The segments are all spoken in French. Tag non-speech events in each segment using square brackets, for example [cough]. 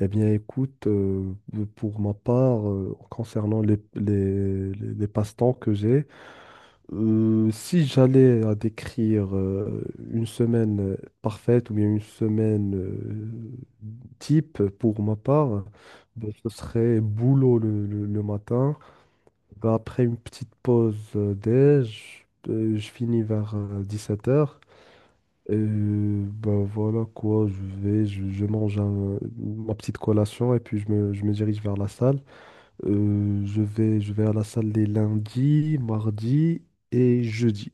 Eh bien, écoute, pour ma part, concernant les passe-temps que j'ai, si j'allais à décrire une semaine parfaite ou bien une semaine type pour ma part, ben, ce serait boulot le matin. Ben, après une petite pause déj, je finis vers 17h. Et ben voilà quoi, je mange ma petite collation et puis je me dirige vers la salle. Je vais à la salle les lundis, mardis et jeudi.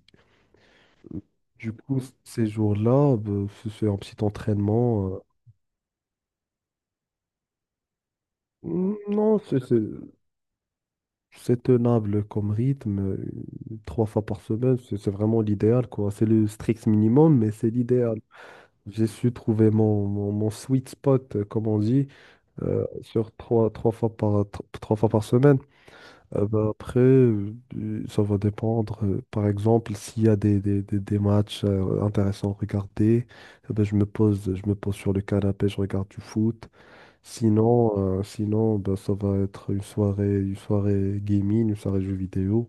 Du coup, ces jours-là, ben, je fais un petit entraînement. Non, c'est tenable comme rythme. Trois fois par semaine, c'est vraiment l'idéal, quoi. C'est le strict minimum, mais c'est l'idéal. J'ai su trouver mon sweet spot, comme on dit. Sur trois fois par semaine. Bah, après, ça va dépendre. Par exemple, s'il y a des matchs intéressants à regarder, bah, je me pose sur le canapé, je regarde du foot. Sinon bah, ça va être une soirée gaming, une soirée jeux vidéo.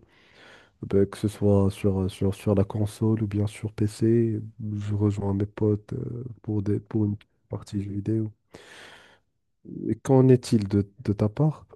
Bah, que ce soit sur la console ou bien sur PC, je rejoins mes potes pour une partie jeux vidéo. Et qu'en est-il de ta part?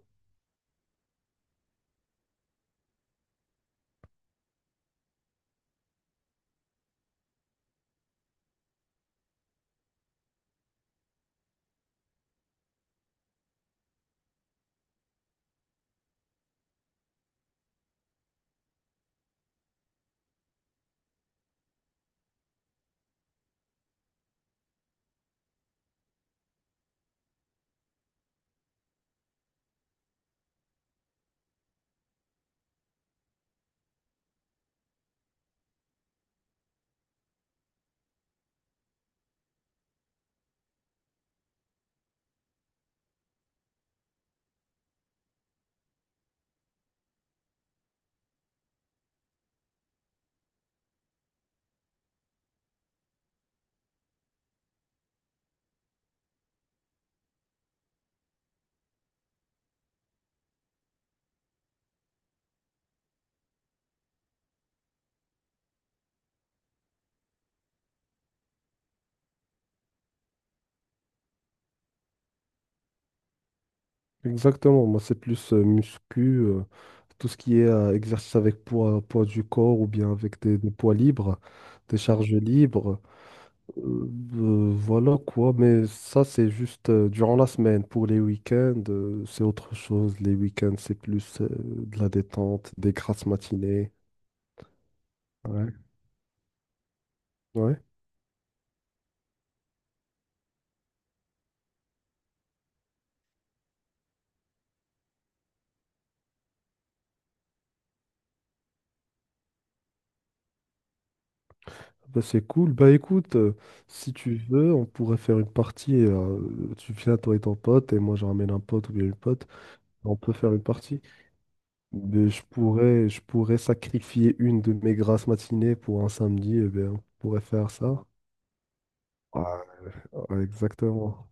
Exactement, moi c'est plus muscu, tout ce qui est exercice avec poids, poids du corps ou bien avec des poids libres, des charges libres. Euh, voilà quoi, mais ça c'est juste durant la semaine. Pour les week-ends, c'est autre chose. Les week-ends, c'est plus de la détente, des grasses matinées. Ouais. Ouais, bah c'est cool. Bah écoute, si tu veux, on pourrait faire une partie. Tu viens, toi et ton pote, et moi je ramène un pote ou bien une pote. On peut faire une partie. Mais je pourrais sacrifier une de mes grasses matinées pour un samedi. Et bien, on pourrait faire ça. Ouais, ouais, exactement.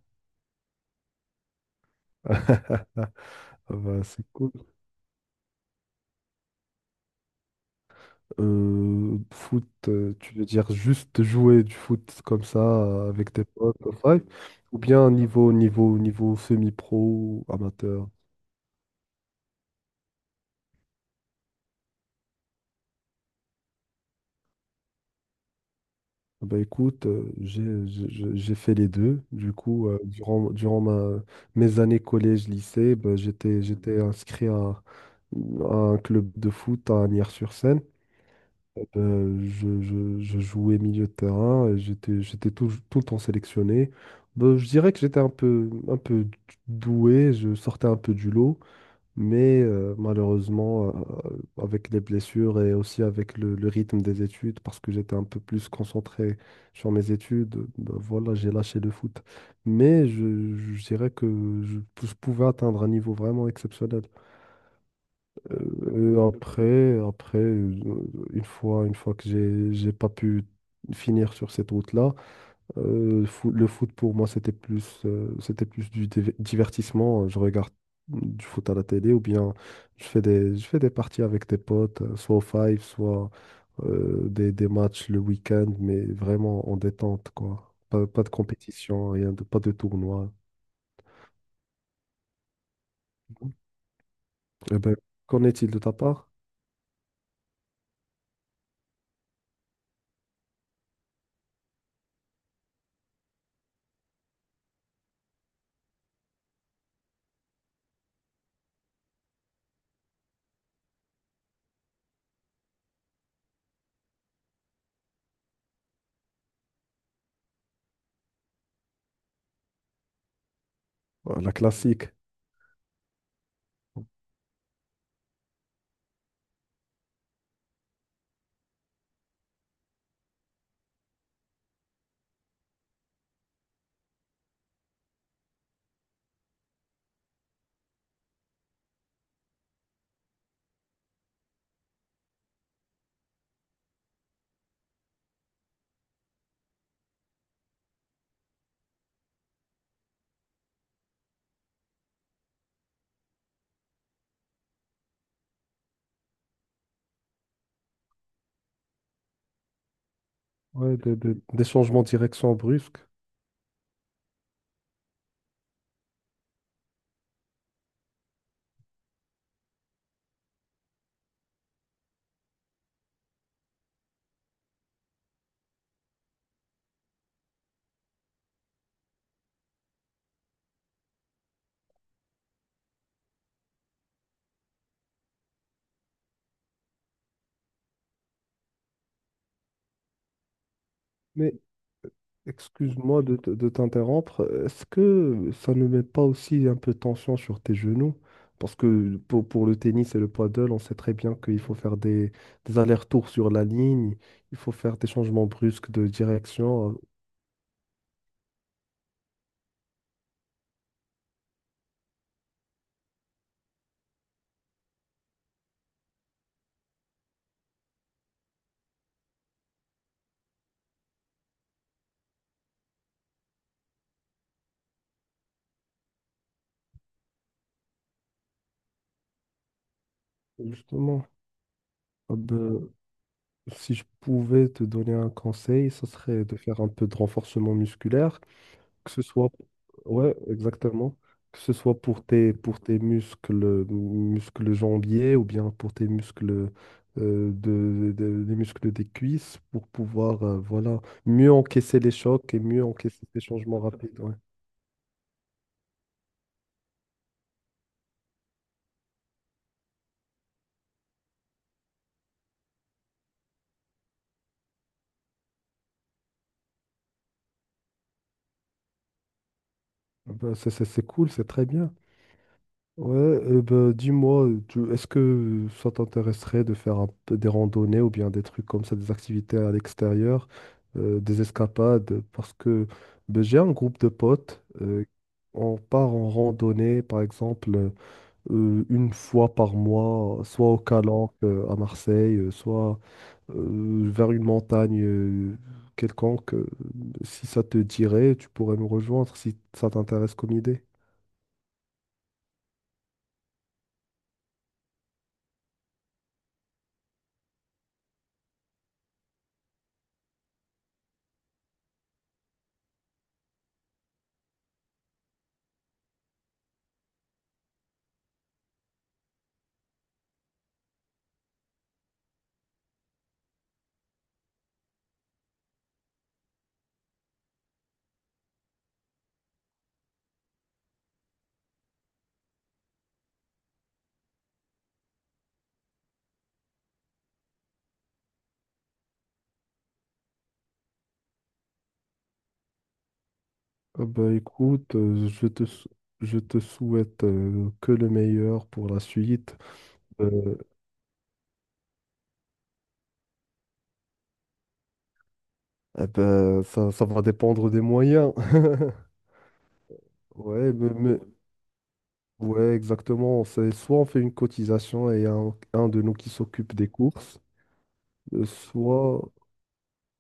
[laughs] Ah bah, c'est cool. Foot, tu veux dire juste jouer du foot comme ça avec tes potes, au five, ou bien niveau semi-pro, amateur? Ah bah écoute, j'ai fait les deux. Du coup, durant mes années collège lycée, bah, j'étais inscrit à un club de foot à Nières-sur-Seine. Je jouais milieu de terrain et j'étais tout le temps sélectionné. Ben, je dirais que j'étais un peu doué, je sortais un peu du lot, mais malheureusement, avec les blessures et aussi avec le rythme des études, parce que j'étais un peu plus concentré sur mes études, ben voilà, j'ai lâché le foot. Mais je dirais que je je pouvais atteindre un niveau vraiment exceptionnel. Euh, après, après, une fois que j'ai pas pu finir sur cette route-là, le foot pour moi c'était plus du divertissement. Je regarde du foot à la télé ou bien je fais des parties avec des potes, soit au five, soit des matchs le week-end, mais vraiment en détente quoi. Pas de compétition, rien de, pas de tournoi. Eh ben, qu'en est-il de ta part? La classique. Ouais, des changements de direction brusques. Mais excuse-moi de t'interrompre. Est-ce que ça ne met pas aussi un peu de tension sur tes genoux? Parce que pour le tennis et le paddle, on sait très bien qu'il faut faire des allers-retours sur la ligne, il faut faire des changements brusques de direction. Justement, ben, si je pouvais te donner un conseil, ce serait de faire un peu de renforcement musculaire que ce soit, ouais, exactement, que ce soit pour tes muscles, muscles jambiers ou bien pour tes muscles, des muscles des cuisses pour pouvoir, voilà, mieux encaisser les chocs et mieux encaisser ces changements rapides. Ouais. Ah ben, c'est cool, c'est très bien. Ouais, bah, dis-moi, est-ce que ça t'intéresserait de faire un peu des randonnées ou bien des trucs comme ça, des activités à l'extérieur, des escapades? Parce que ben j'ai un groupe de potes, on part en randonnée, par exemple, une fois par mois, soit au Calanque, à Marseille, soit vers une montagne quelconque. Si ça te dirait, tu pourrais nous rejoindre si ça t'intéresse comme idée. Ah bah écoute, je te souhaite que le meilleur pour la suite. Euh, eh ben, ça va dépendre des moyens. [laughs] Ouais, ouais, exactement. C'est soit on fait une cotisation et un de nous qui s'occupe des courses, soit...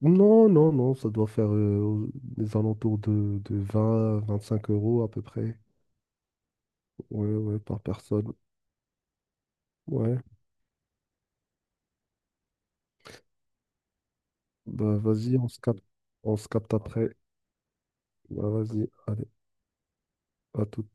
Non, non, non, ça doit faire des alentours de 20, 25 € à peu près. Ouais, ouais, par personne. Ouais, bah vas-y, on se capte après. Bah vas-y, allez, à tout.